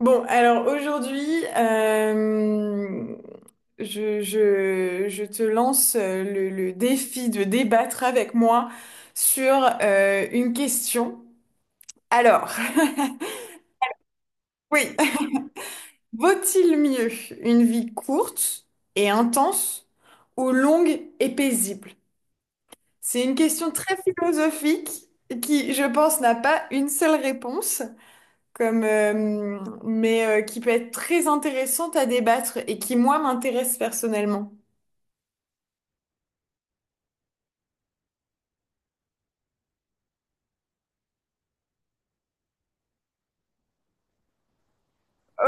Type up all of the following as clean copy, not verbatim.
Bon, alors aujourd'hui, je te lance le défi de débattre avec moi sur une question. Alors, oui, vaut-il mieux une vie courte et intense ou longue et paisible? C'est une question très philosophique qui, je pense, n'a pas une seule réponse. Mais qui peut être très intéressante à débattre et qui, moi, m'intéresse personnellement.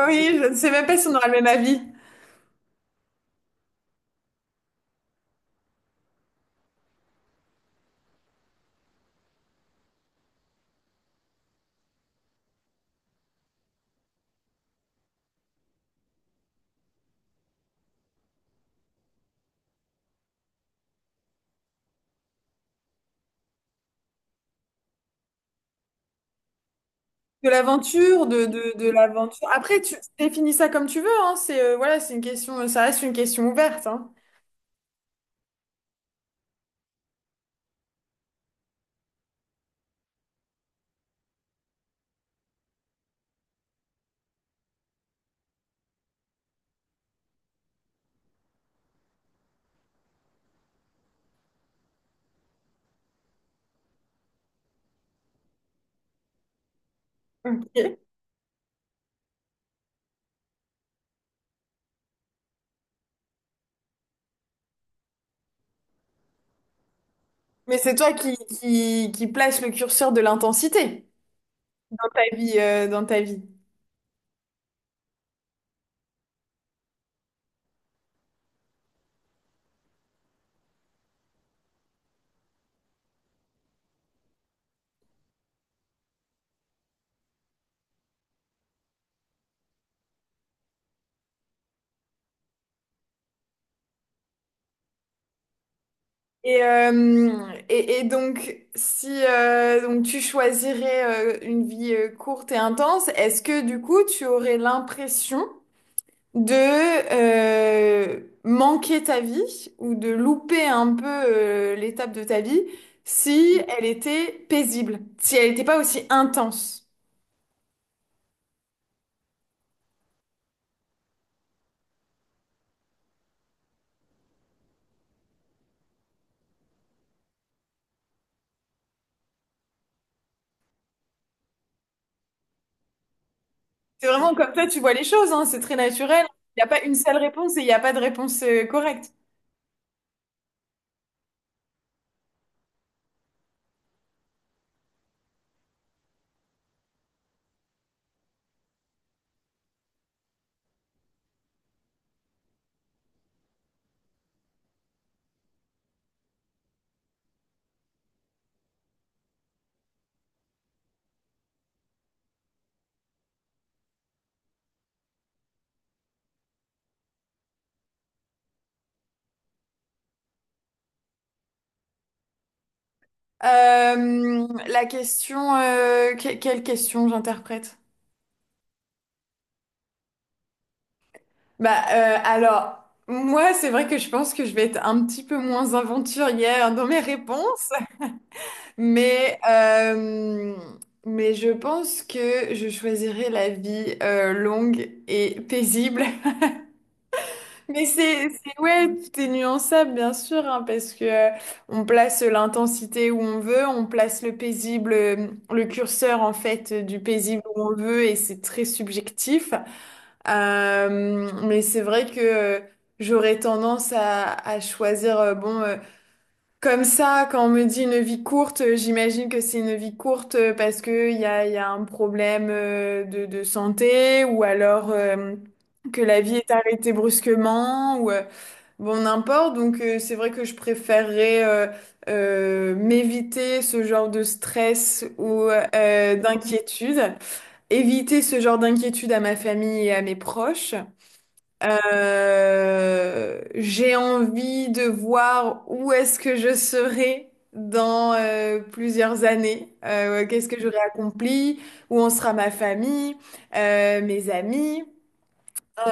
Oui, je ne sais même pas si on aura le même avis. De l'aventure, de l'aventure. Après, tu définis ça comme tu veux, hein. C'est, voilà, c'est une question, ça reste une question ouverte, hein. Ok. Mais c'est toi qui place le curseur de l'intensité dans ta vie. Et, euh, et donc, si donc tu choisirais une vie courte et intense, est-ce que du coup tu aurais l'impression de manquer ta vie ou de louper un peu l'étape de ta vie si elle était paisible, si elle n'était pas aussi intense? C'est vraiment comme ça tu vois les choses, hein, c'est très naturel. Il n'y a pas une seule réponse et il n'y a pas de réponse correcte. La question, quelle question j'interprète? Bah, alors moi c'est vrai que je pense que je vais être un petit peu moins aventurière dans mes réponses, mais euh, mais je pense que je choisirais la vie longue et paisible. Mais c'est ouais, tout est nuançable bien sûr, hein, parce que on place l'intensité où on veut, on place le curseur en fait du paisible où on veut et c'est très subjectif. Mais c'est vrai que j'aurais tendance à choisir, bon, comme ça, quand on me dit une vie courte, j'imagine que c'est une vie courte parce que il y a un problème de santé ou alors que la vie est arrêtée brusquement ou bon, n'importe. Donc, c'est vrai que je préférerais m'éviter ce genre de stress ou d'inquiétude, éviter ce genre d'inquiétude à ma famille et à mes proches. J'ai envie de voir où est-ce que je serai dans plusieurs années. Qu'est-ce que j'aurai accompli, où en sera ma famille, mes amis.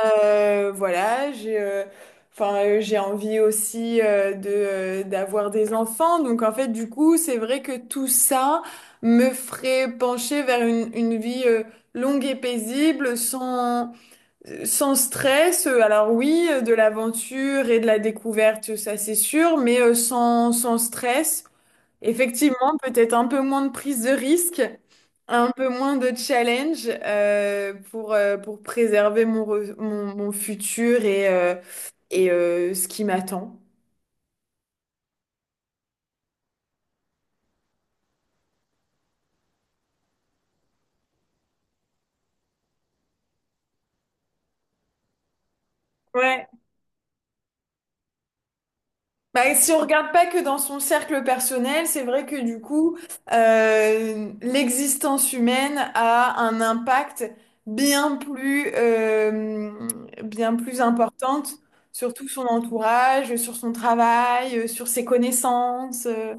Voilà, j'ai enfin j'ai envie aussi de d'avoir des enfants. Donc en fait, du coup, c'est vrai que tout ça me ferait pencher vers une vie longue et paisible sans stress, alors oui, de l'aventure et de la découverte, ça c'est sûr, mais sans stress. Effectivement, peut-être un peu moins de prise de risque, un peu moins de challenge pour préserver mon futur et ce qui m'attend. Ouais. Bah, si on regarde pas que dans son cercle personnel, c'est vrai que du coup, l'existence humaine a un impact bien plus, euh, bien plus importante sur tout son entourage, sur son travail, sur ses connaissances.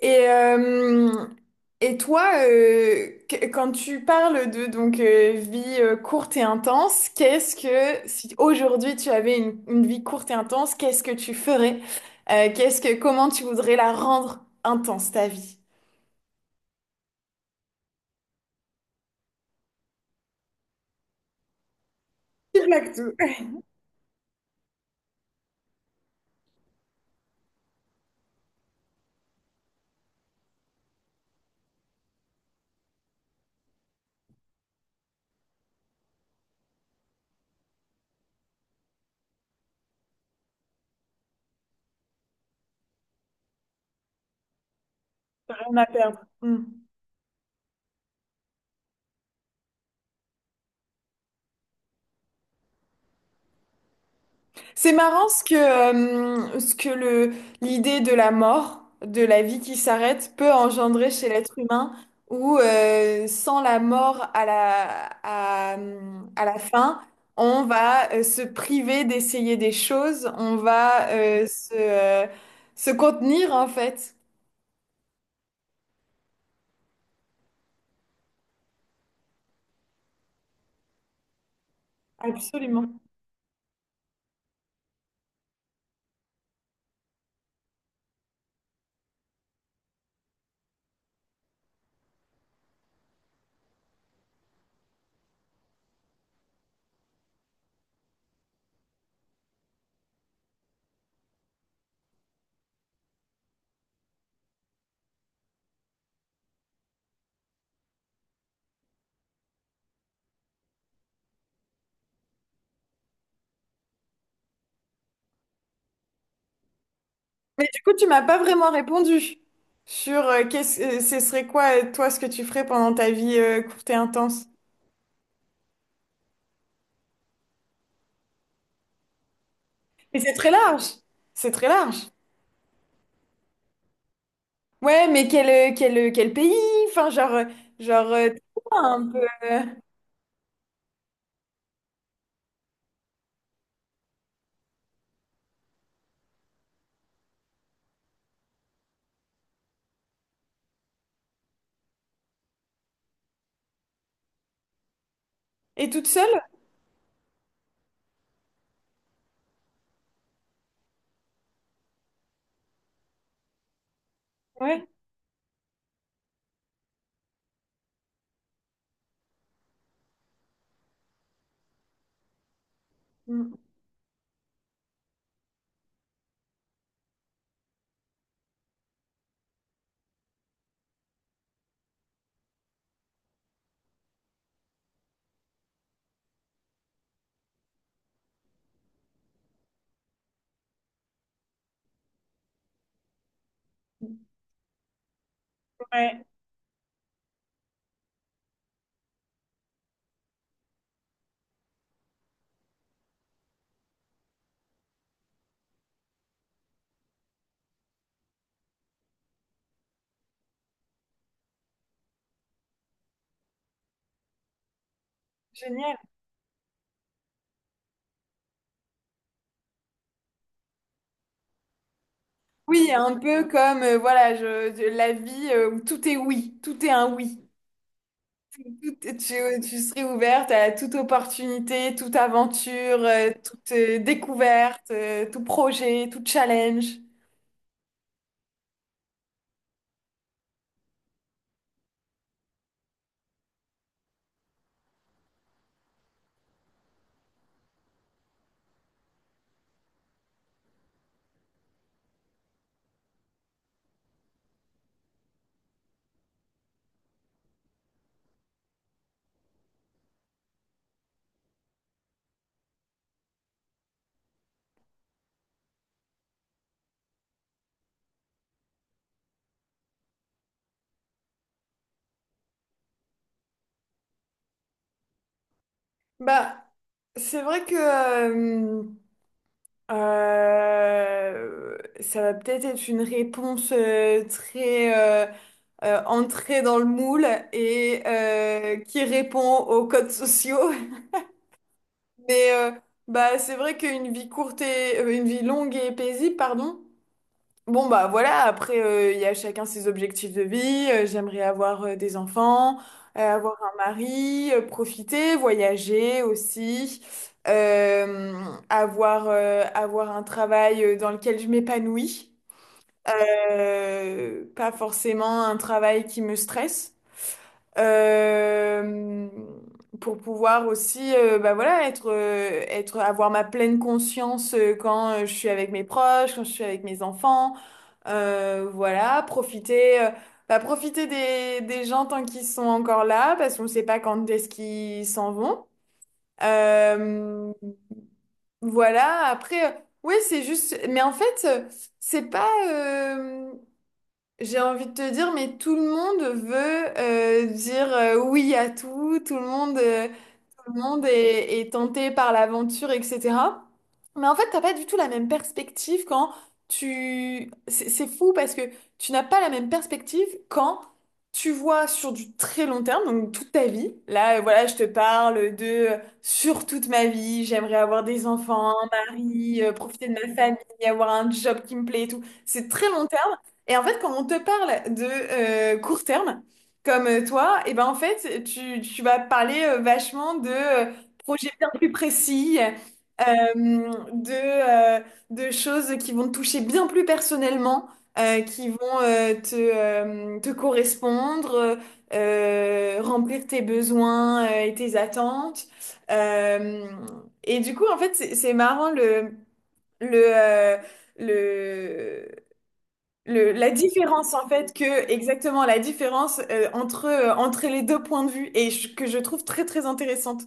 Et, euh, et toi, quand tu parles de donc vie courte et intense, qu'est-ce que si aujourd'hui tu avais une vie courte et intense, qu'est-ce que tu ferais? Qu'est-ce que Comment tu voudrais la rendre intense ta vie? Tu plaques tout. Rien à perdre. Mm. C'est marrant ce que l'idée de la mort, de la vie qui s'arrête, peut engendrer chez l'être humain, où sans la mort à la fin, on va se priver d'essayer des choses, on va se contenir en fait. Absolument. Mais du coup, tu m'as pas vraiment répondu sur ce serait quoi, toi, ce que tu ferais pendant ta vie courte et intense. Mais c'est très large, c'est très large. Ouais, mais quel pays? Enfin, genre, toi, un peu. euh, Et toute seule? Ouais. Mm, ouais, génial. Oui, un peu comme, voilà, la vie où tout est oui, tout est un oui. Tu serais ouverte à toute opportunité, toute aventure, toute découverte, tout projet, tout challenge. Bah, c'est vrai que ça va peut-être être une réponse très entrée dans le moule et qui répond aux codes sociaux. Mais bah, c'est vrai qu'une vie courte et une vie longue et paisible, pardon. Bon, bah, voilà, après il y a chacun ses objectifs de vie. J'aimerais avoir des enfants, avoir un mari, profiter, voyager aussi, euh, avoir un travail dans lequel je m'épanouis. Pas forcément un travail qui me stresse. Euh, pour pouvoir aussi bah voilà, avoir ma pleine conscience quand je suis avec mes proches, quand je suis avec mes enfants. Voilà, profiter, bah, profiter des gens tant qu'ils sont encore là, parce qu'on ne sait pas quand est-ce qu'ils s'en vont. Euh, voilà, après, ouais, c'est juste, mais en fait, c'est pas, j'ai envie de te dire, mais tout le monde veut dire oui à tout, tout le monde. Le monde est tenté par l'aventure, etc. Mais en fait, t'as pas du tout la même perspective quand tu... C'est fou parce que tu n'as pas la même perspective quand tu vois sur du très long terme, donc toute ta vie. Là, voilà, je te parle de sur toute ma vie, j'aimerais avoir des enfants, un mari, profiter de ma famille, avoir un job qui me plaît et tout. C'est très long terme. Et en fait, quand on te parle de court terme, comme toi, et ben en fait, tu vas parler vachement de projets bien plus précis, euh, de, euh, de choses qui vont te toucher bien plus personnellement, qui vont te correspondre, remplir tes besoins et tes attentes. Euh, et du coup, en fait, c'est marrant le, euh, le, la différence en fait que exactement la différence entre les deux points de vue et que je trouve très très intéressante.